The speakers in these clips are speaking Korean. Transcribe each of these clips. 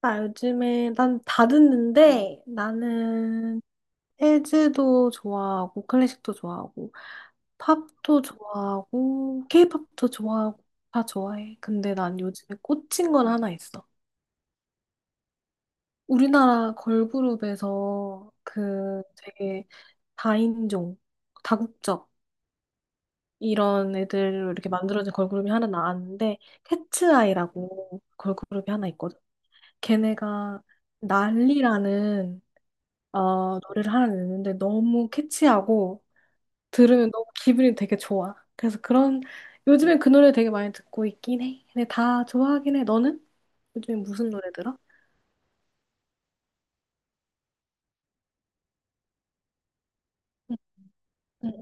나 요즘에 난 다 듣는데 나는 재즈도 좋아하고 클래식도 좋아하고 팝도 좋아하고 케이팝도 좋아하고 다 좋아해. 근데 난 요즘에 꽂힌 건 하나 있어. 우리나라 걸그룹에서 그 되게 다인종, 다국적 이런 애들로 이렇게 만들어진 걸그룹이 하나 나왔는데 캐츠아이라고 걸그룹이 하나 있거든. 걔네가 난리라는 노래를 하나 냈는데 너무 캐치하고 들으면 너무 기분이 되게 좋아. 그래서 그런 요즘엔 그 노래 되게 많이 듣고 있긴 해. 근데 다 좋아하긴 해. 너는? 요즘에 무슨 노래 들어? 응, 응,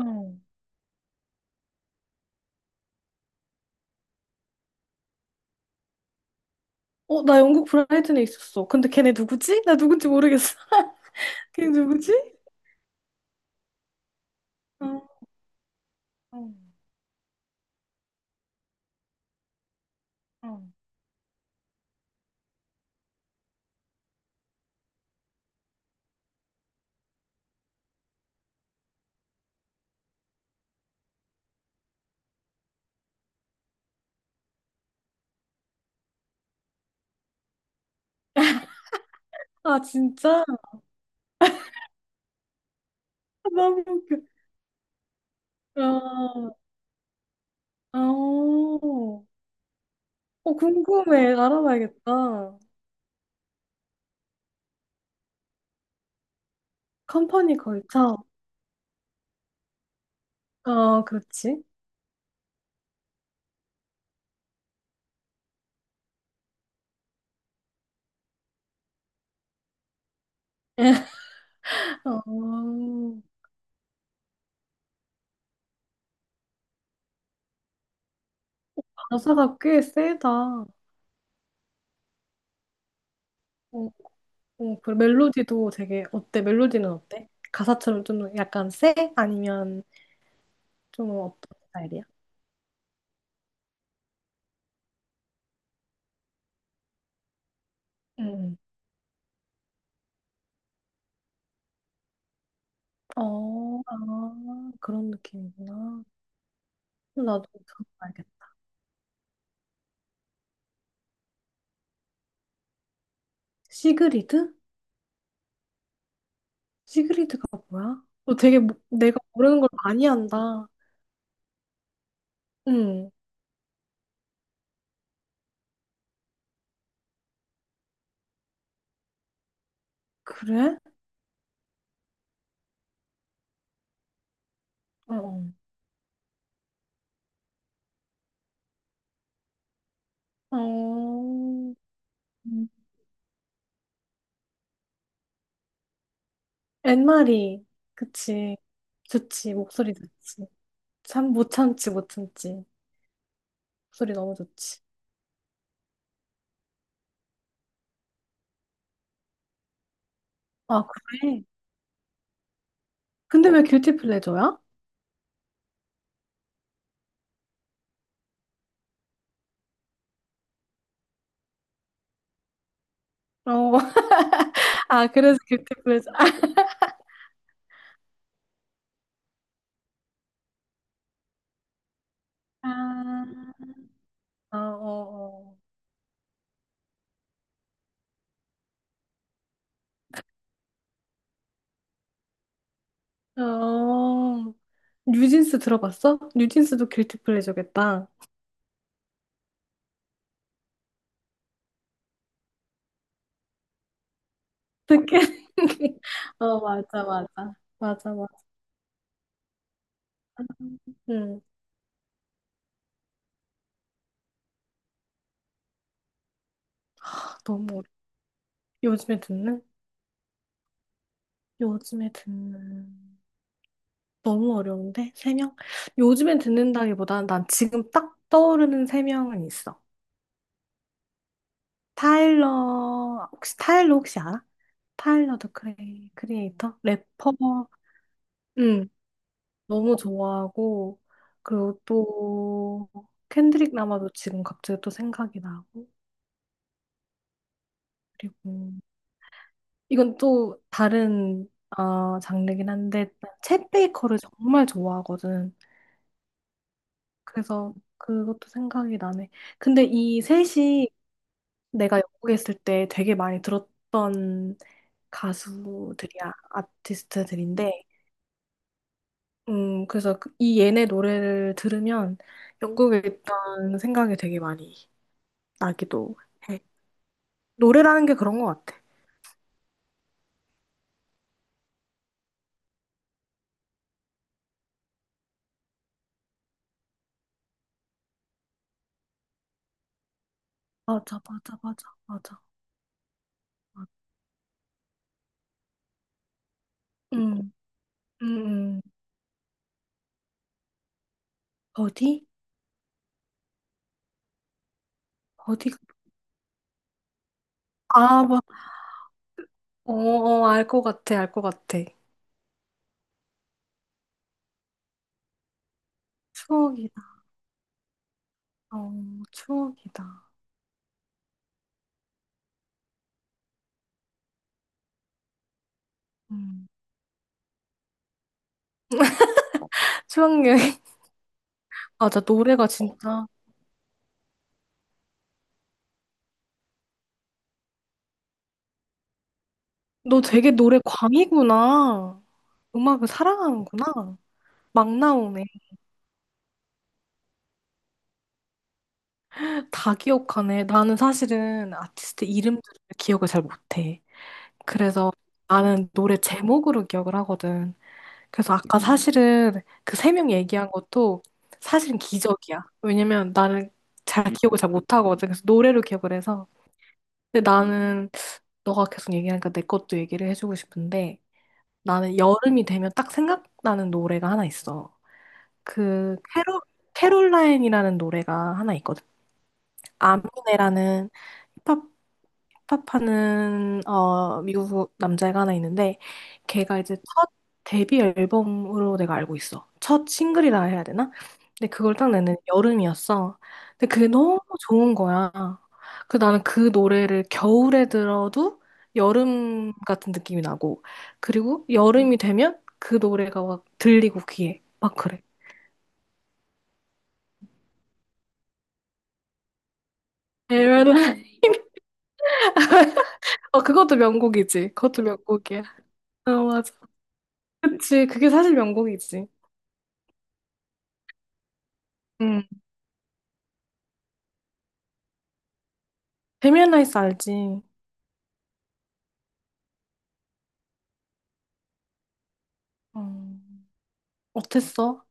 응. 어, 나 영국 브라이튼에 있었어. 근데 걔네 누구지? 나 누군지 모르겠어. 걔네 누구지? 어, 어, 어. 아, 진짜? 너무 웃겨. 아, 어, 어, 궁금해. 알아봐야겠다. 컴퍼니 걸쳐. 어, 그렇지. 아, 가사가 꽤 세다. 어, 어, 그 멜로디도 되게 어때? 멜로디는 어때? 가사처럼 좀 약간 세? 아니면 좀 어떤 스타일이야? 응. 응. 어, 아, 그런 느낌이구나. 나도 들어봐야겠다. 시그리드? 시그리드가 뭐야? 너 되게 내가 모르는 걸 많이 한다. 응. 그래? 어. 어. 어. 음. 엔마리. 그치. 좋지. 목소리 좋지. 참 못 참지 못 참지. 목소리 너무 좋지. 아 그래? 근데 왜 길티 플레저야? 어. 아 그래서 길티 플레저. 아. 어, 어, 어. 어. 뉴진스 들어봤어? 뉴진스도 길티 플레저겠다. 어떻게? 어 맞아 맞아 맞아 맞아. 응. 아, 너무 어려. 요즘에 듣는? 요즘에 듣는. 너무 어려운데? 세 명? 요즘에 듣는다기보다는 난 지금 딱 떠오르는 세 명은 있어. 타일러, 혹시 타일러 혹시 알아? 타일러 더 크리에이터? 래퍼 응, 너무 좋아하고, 그리고 또, 켄드릭 라마도 지금 갑자기 또 생각이 나고, 그리고, 이건 또 다른, 아, 장르긴 한데, 챗 베이커를 정말 좋아하거든. 그래서 그것도 생각이 나네. 근데 이 셋이 내가 영국에 있을 때 되게 많이 들었던 가수들이야, 아티스트들인데, 그래서 이 얘네 노래를 들으면 영국에 있던 생각이 되게 많이 나기도 해. 노래라는 게 그런 것 같아. 맞아, 맞아, 맞아, 맞아. 맞아. 음, 음, 음. 어디? 어디가? 아, 뭐, 어, 어, 알 것 같아, 알 것 같아. 추억이다. 어, 추억이다. 음. 추억 여행. 맞아, 노래가 진짜. 너 되게 노래 광이구나. 음악을 사랑하는구나. 막 나오네. 다 기억하네. 나는 사실은 아티스트 이름들을 기억을 잘 못해. 그래서 나는 노래 제목으로 기억을 하거든. 그래서 아까 사실은 그 세 명 얘기한 것도 사실은 기적이야. 왜냐면 나는 잘 기억을 잘 못하거든. 그래서 노래로 기억을 해서. 근데 나는 너가 계속 얘기하니까 내 것도 얘기를 해주고 싶은데 나는 여름이 되면 딱 생각나는 노래가 하나 있어. 그 캐롤라인이라는 노래가 하나 있거든. 아미네라는 힙합 힙합하는 미국 남자애가 하나 있는데 걔가 이제 첫 데뷔 앨범으로 내가 알고 있어. 첫 싱글이라 해야 되나? 근데 그걸 딱 냈는데 여름이었어. 근데 그게 너무 좋은 거야. 그 나는 그 노래를 겨울에 들어도 여름 같은 느낌이 나고 그리고 여름이 되면 그 노래가 막 들리고 귀에 막 그래. 어 그것도 명곡이지. 그것도 명곡이야. 어 맞아. 그치, 그게 사실 명곡이지. 음. 데미안 라이스 알지? 어, 어땠어?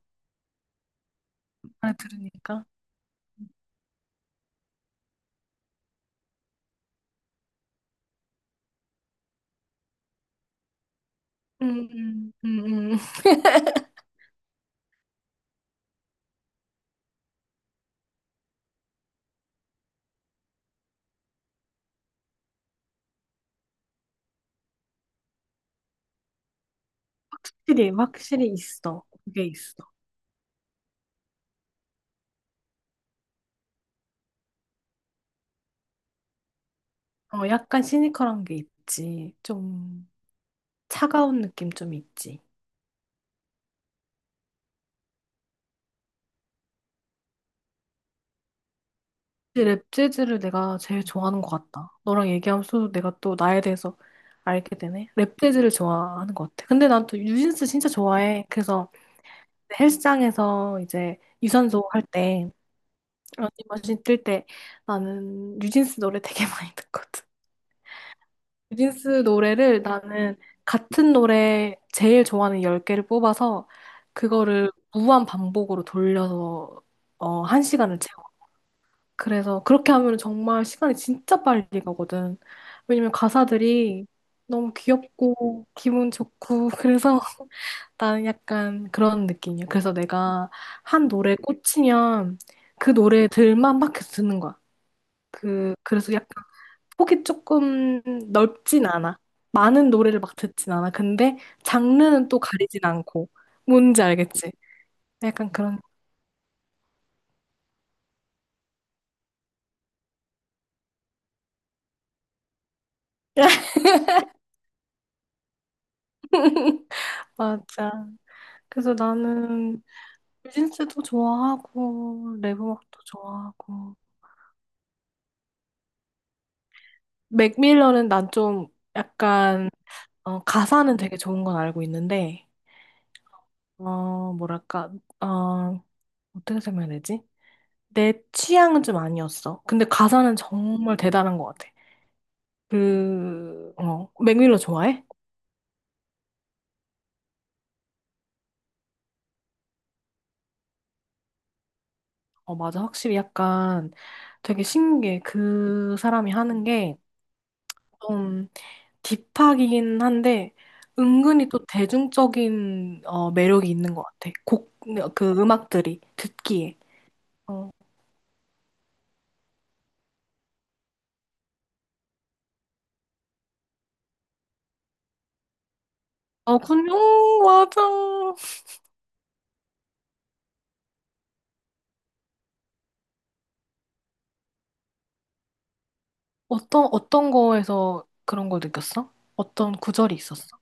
잘 들으니까. 음, 음, 음, 응. 확실히, 확실히 있어. 그게 있어. 어, 약간 시니컬한 게 있지. 좀 차가운 느낌 좀 있지. 랩 재즈를 내가 제일 좋아하는 것 같다. 너랑 얘기하면서 내가 또 나에 대해서 알게 되네. 랩 재즈를 좋아하는 것 같아. 근데 난 또 뉴진스 진짜 좋아해. 그래서 헬스장에서 이제 유산소 할때 러닝머신 뜰 때 나는 뉴진스 노래 되게 많이 듣거든. 뉴진스 노래를 나는 같은 노래 제일 좋아하는 10개를 뽑아서 그거를 무한 반복으로 돌려서 한 시간을 채워. 그래서 그렇게 하면 정말 시간이 진짜 빨리 가거든. 왜냐면 가사들이 너무 귀엽고 기분 좋고 그래서 나는 약간 그런 느낌이야. 그래서 내가 한 노래에 꽂히면 그 노래들만 막 계속 듣는 거야. 그래서 약간 폭이 조금 넓진 않아. 많은 노래를 막 듣진 않아. 근데 장르는 또 가리진 않고. 뭔지 알겠지? 약간 그런. 맞아. 그래서 나는 뉴진스도 좋아하고, 랩 음악도 좋아하고. 맥밀런은 난 좀 약간, 어, 가사는 되게 좋은 건 알고 있는데, 어, 뭐랄까, 어, 어떻게 설명해야 되지? 내 취향은 좀 아니었어. 근데 가사는 정말 대단한 것 같아. 그, 어, 맥밀러 좋아해? 어, 맞아. 확실히 약간 되게 신기해. 그 사람이 하는 게 좀 딥하긴 한데 은근히 또 대중적인 어, 매력이 있는 것 같아. 그 음악들이 듣기에. 어, 어, 군요, 맞아. 어떤, 어떤 거에서 그런 걸 느꼈어? 어떤 구절이 있었어?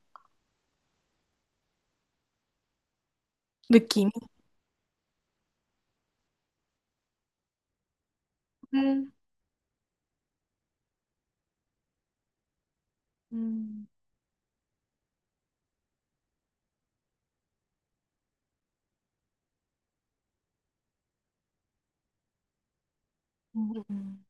느낌이? 음, 음, 음, 음.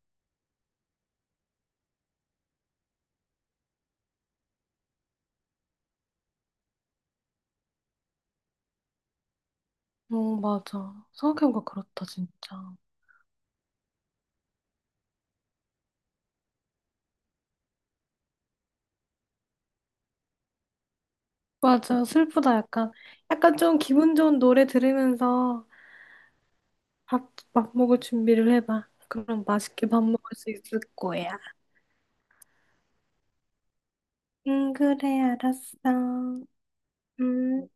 어, 맞아. 생각해보니까 그렇다, 진짜. 맞아. 슬프다, 약간. 약간 좀 기분 좋은 노래 들으면서 밥 먹을 준비를 해봐. 그럼 맛있게 밥 먹을 수 있을 거야. 응, 그래, 알았어. 음.